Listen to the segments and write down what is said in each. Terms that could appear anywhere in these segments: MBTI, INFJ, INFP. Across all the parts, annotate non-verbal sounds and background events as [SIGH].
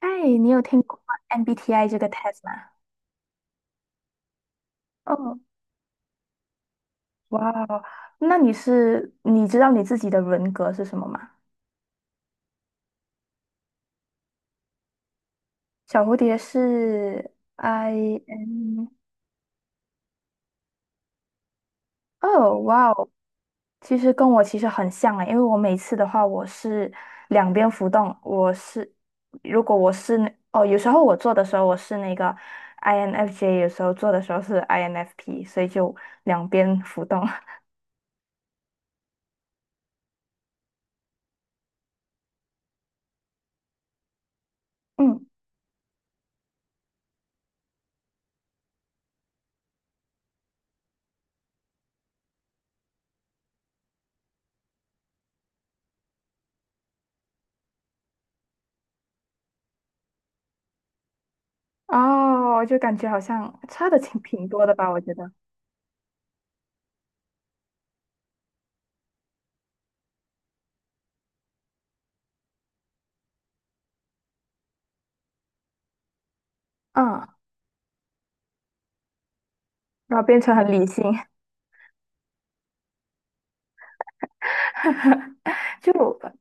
哎，你有听过 MBTI 这个 test 吗？哦，哇哦，那你知道你自己的人格是什么吗？小蝴蝶是 I N，哦，哇哦，其实跟我其实很像诶，因为我每次的话我是两边浮动，如果我是有时候我做的时候我是那个 INFJ，有时候做的时候是 INFP，所以就两边浮动。[LAUGHS] 嗯。哦，就感觉好像差的挺多的吧，我觉得，嗯，然后变成很理性，[LAUGHS] 就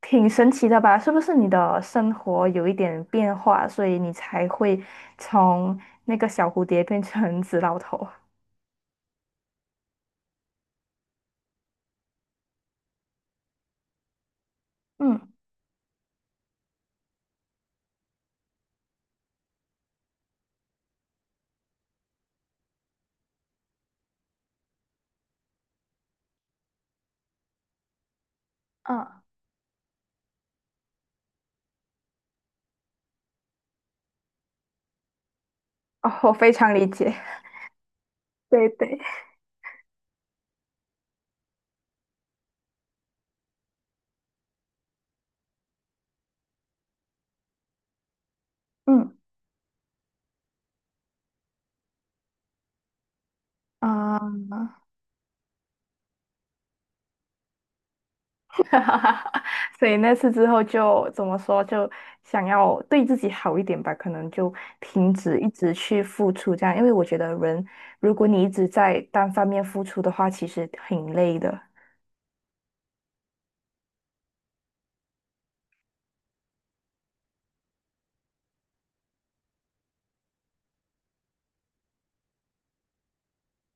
挺神奇的吧？是不是你的生活有一点变化，所以你才会从那个小蝴蝶变成紫老头？嗯嗯，哦，我非常理解，[LAUGHS] 对对，嗯啊。[LAUGHS] 哈哈哈，[LAUGHS] 所以那次之后就怎么说，就想要对自己好一点吧，可能就停止一直去付出这样，因为我觉得人，如果你一直在单方面付出的话，其实挺累的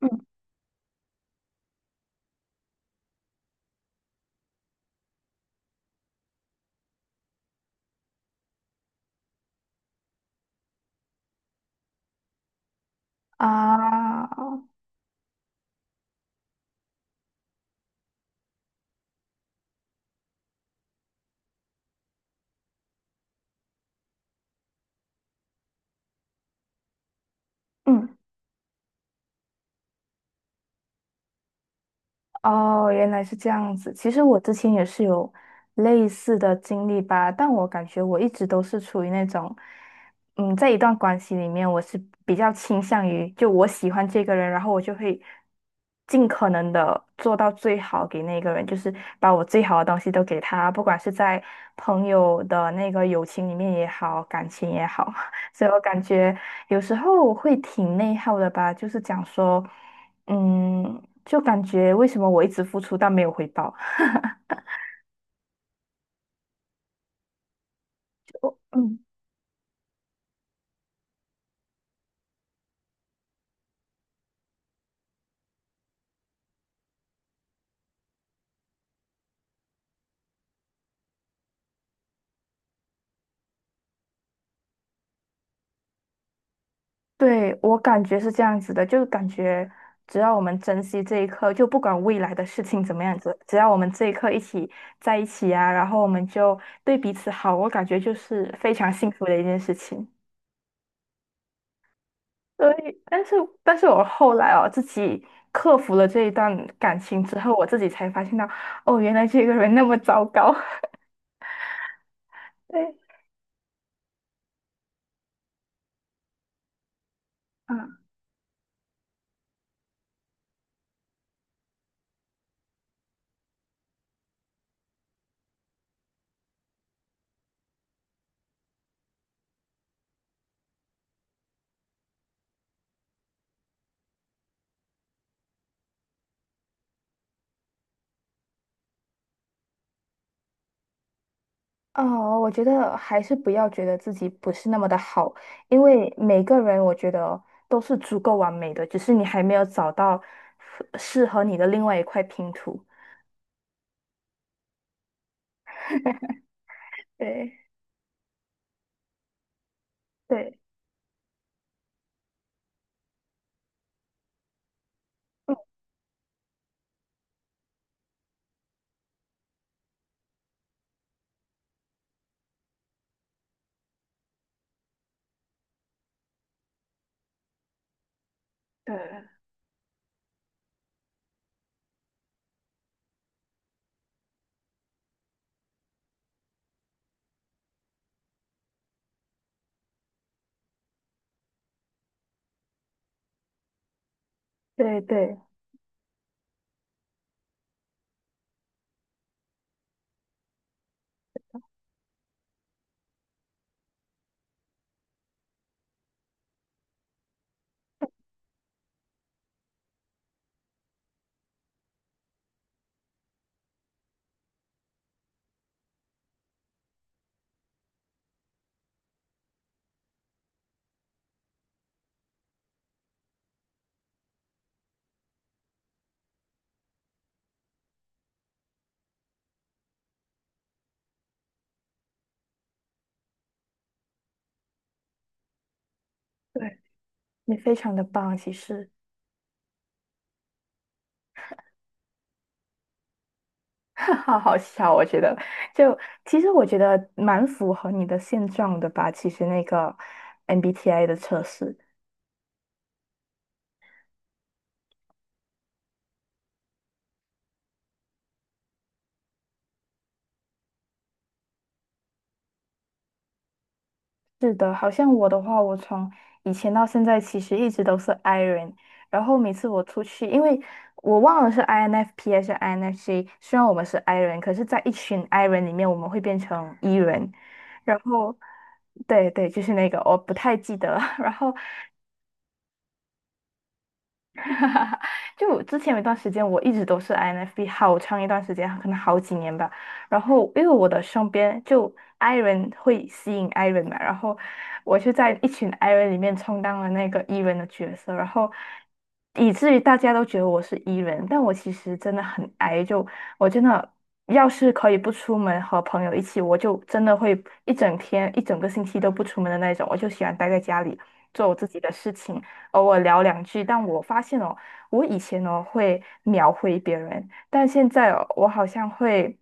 嗯啊。嗯，哦，原来是这样子。其实我之前也是有类似的经历吧，但我感觉我一直都是处于那种，在一段关系里面，我是比较倾向于就我喜欢这个人，然后我就会尽可能的做到最好给那个人，就是把我最好的东西都给他，不管是在朋友的那个友情里面也好，感情也好，[LAUGHS] 所以我感觉有时候会挺内耗的吧，就是讲说。嗯，就感觉为什么我一直付出但没有回报？嗯，对，我感觉是这样子的，就感觉只要我们珍惜这一刻，就不管未来的事情怎么样子，只要我们这一刻一起在一起啊，然后我们就对彼此好，我感觉就是非常幸福的一件事情。所以，但是，我后来自己克服了这一段感情之后，我自己才发现到，哦，原来这个人那么糟糕。[LAUGHS] 对，啊。哦，我觉得还是不要觉得自己不是那么的好，因为每个人我觉得都是足够完美的，只是你还没有找到适合你的另外一块拼图。[LAUGHS] 对对，嗯，对对对对，你非常的棒，其实，[LAUGHS] 好好笑，我觉得，就其实我觉得蛮符合你的现状的吧，其实那个 MBTI 的测试，是的，好像我的话，我从以前到现在其实一直都是 I r o n 然后每次我出去，因为我忘了是 INFP 还是 INFJ，虽然我们是 I r o n 可是在一群 I r o n 里面，我们会变成 E 人，然后对对，就是那个我不太记得了 [LAUGHS] 然后就我之前有一段时间，我一直都是 INFP，好长一段时间，可能好几年吧。然后因为我的身边就 I 人会吸引 I 人嘛，然后我就在一群 I 人里面充当了那个 E 人的角色，然后以至于大家都觉得我是 E 人，但我其实真的很 I，就我真的要是可以不出门和朋友一起，我就真的会一整天、一整个星期都不出门的那种，我就喜欢待在家里做我自己的事情，偶尔聊两句。但我发现哦。我以前呢会秒回别人，但现在哦我好像会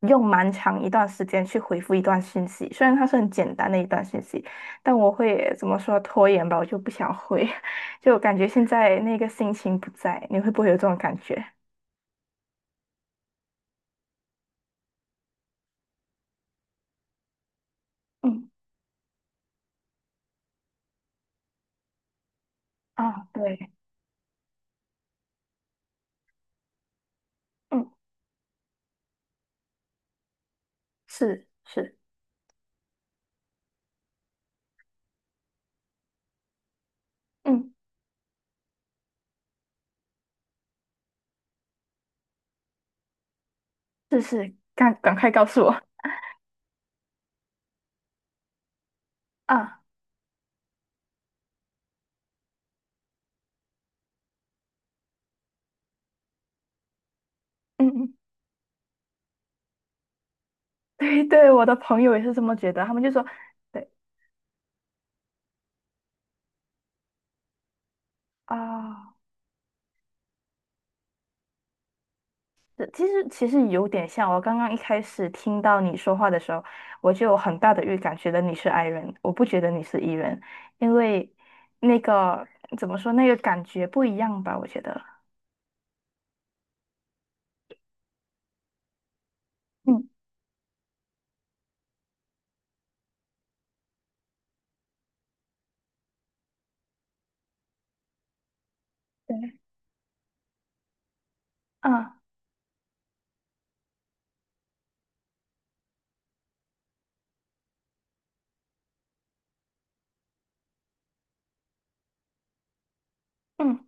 用蛮长一段时间去回复一段讯息，虽然它是很简单的一段讯息，但我会怎么说拖延吧，我就不想回，[LAUGHS] 就感觉现在那个心情不在，你会不会有这种感觉？嗯，啊，对，嗯，是是，嗯，是是，赶快告诉我啊，嗯嗯，[LAUGHS] 对对，我的朋友也是这么觉得，他们就说，对啊。是其实有点像，我刚刚一开始听到你说话的时候，我就有很大的预感，觉得你是 I 人，我不觉得你是 E 人，因为那个怎么说，那个感觉不一样吧，我觉得。嗯，对，嗯嗯。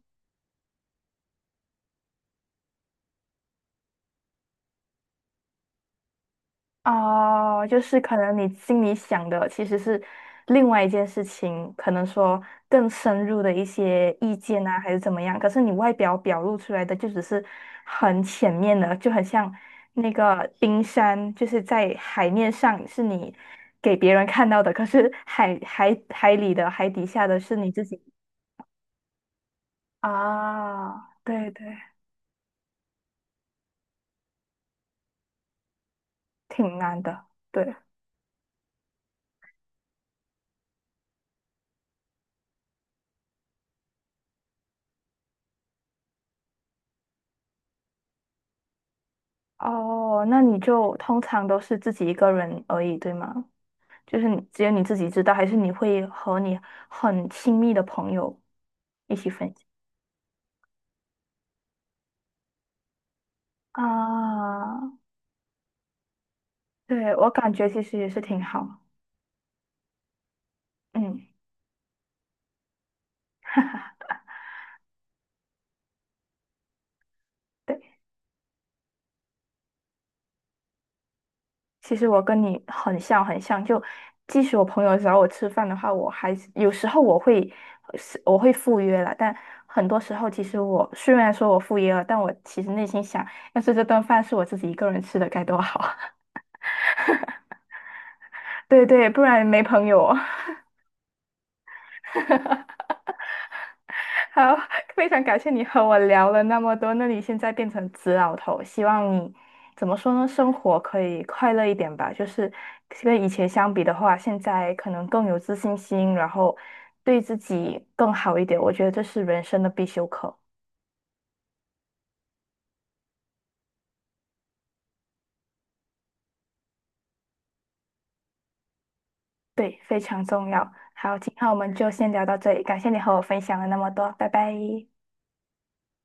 哦，就是可能你心里想的其实是另外一件事情，可能说更深入的一些意见啊，还是怎么样。可是你外表表露出来的就只是很浅面的，就很像那个冰山，就是在海面上是你给别人看到的，可是海里的海底下的是你自己啊。对对，挺难的。对，哦，那你就通常都是自己一个人而已，对吗？就是你只有你自己知道，还是你会和你很亲密的朋友一起分享？啊，对，我感觉其实也是挺好。嗯，其实我跟你很像，很像。就即使我朋友找我吃饭的话，我还是有时候我会赴约了，但很多时候其实我虽然说我赴约了，但我其实内心想，要是这顿饭是我自己一个人吃的该多好啊。[LAUGHS] 对对，不然没朋友。[LAUGHS] 好，非常感谢你和我聊了那么多。那你现在变成紫老头，希望你怎么说呢？生活可以快乐一点吧。就是跟以前相比的话，现在可能更有自信心，然后对自己更好一点。我觉得这是人生的必修课，对，非常重要。好，今天我们就先聊到这里，感谢你和我分享了那么多，拜拜。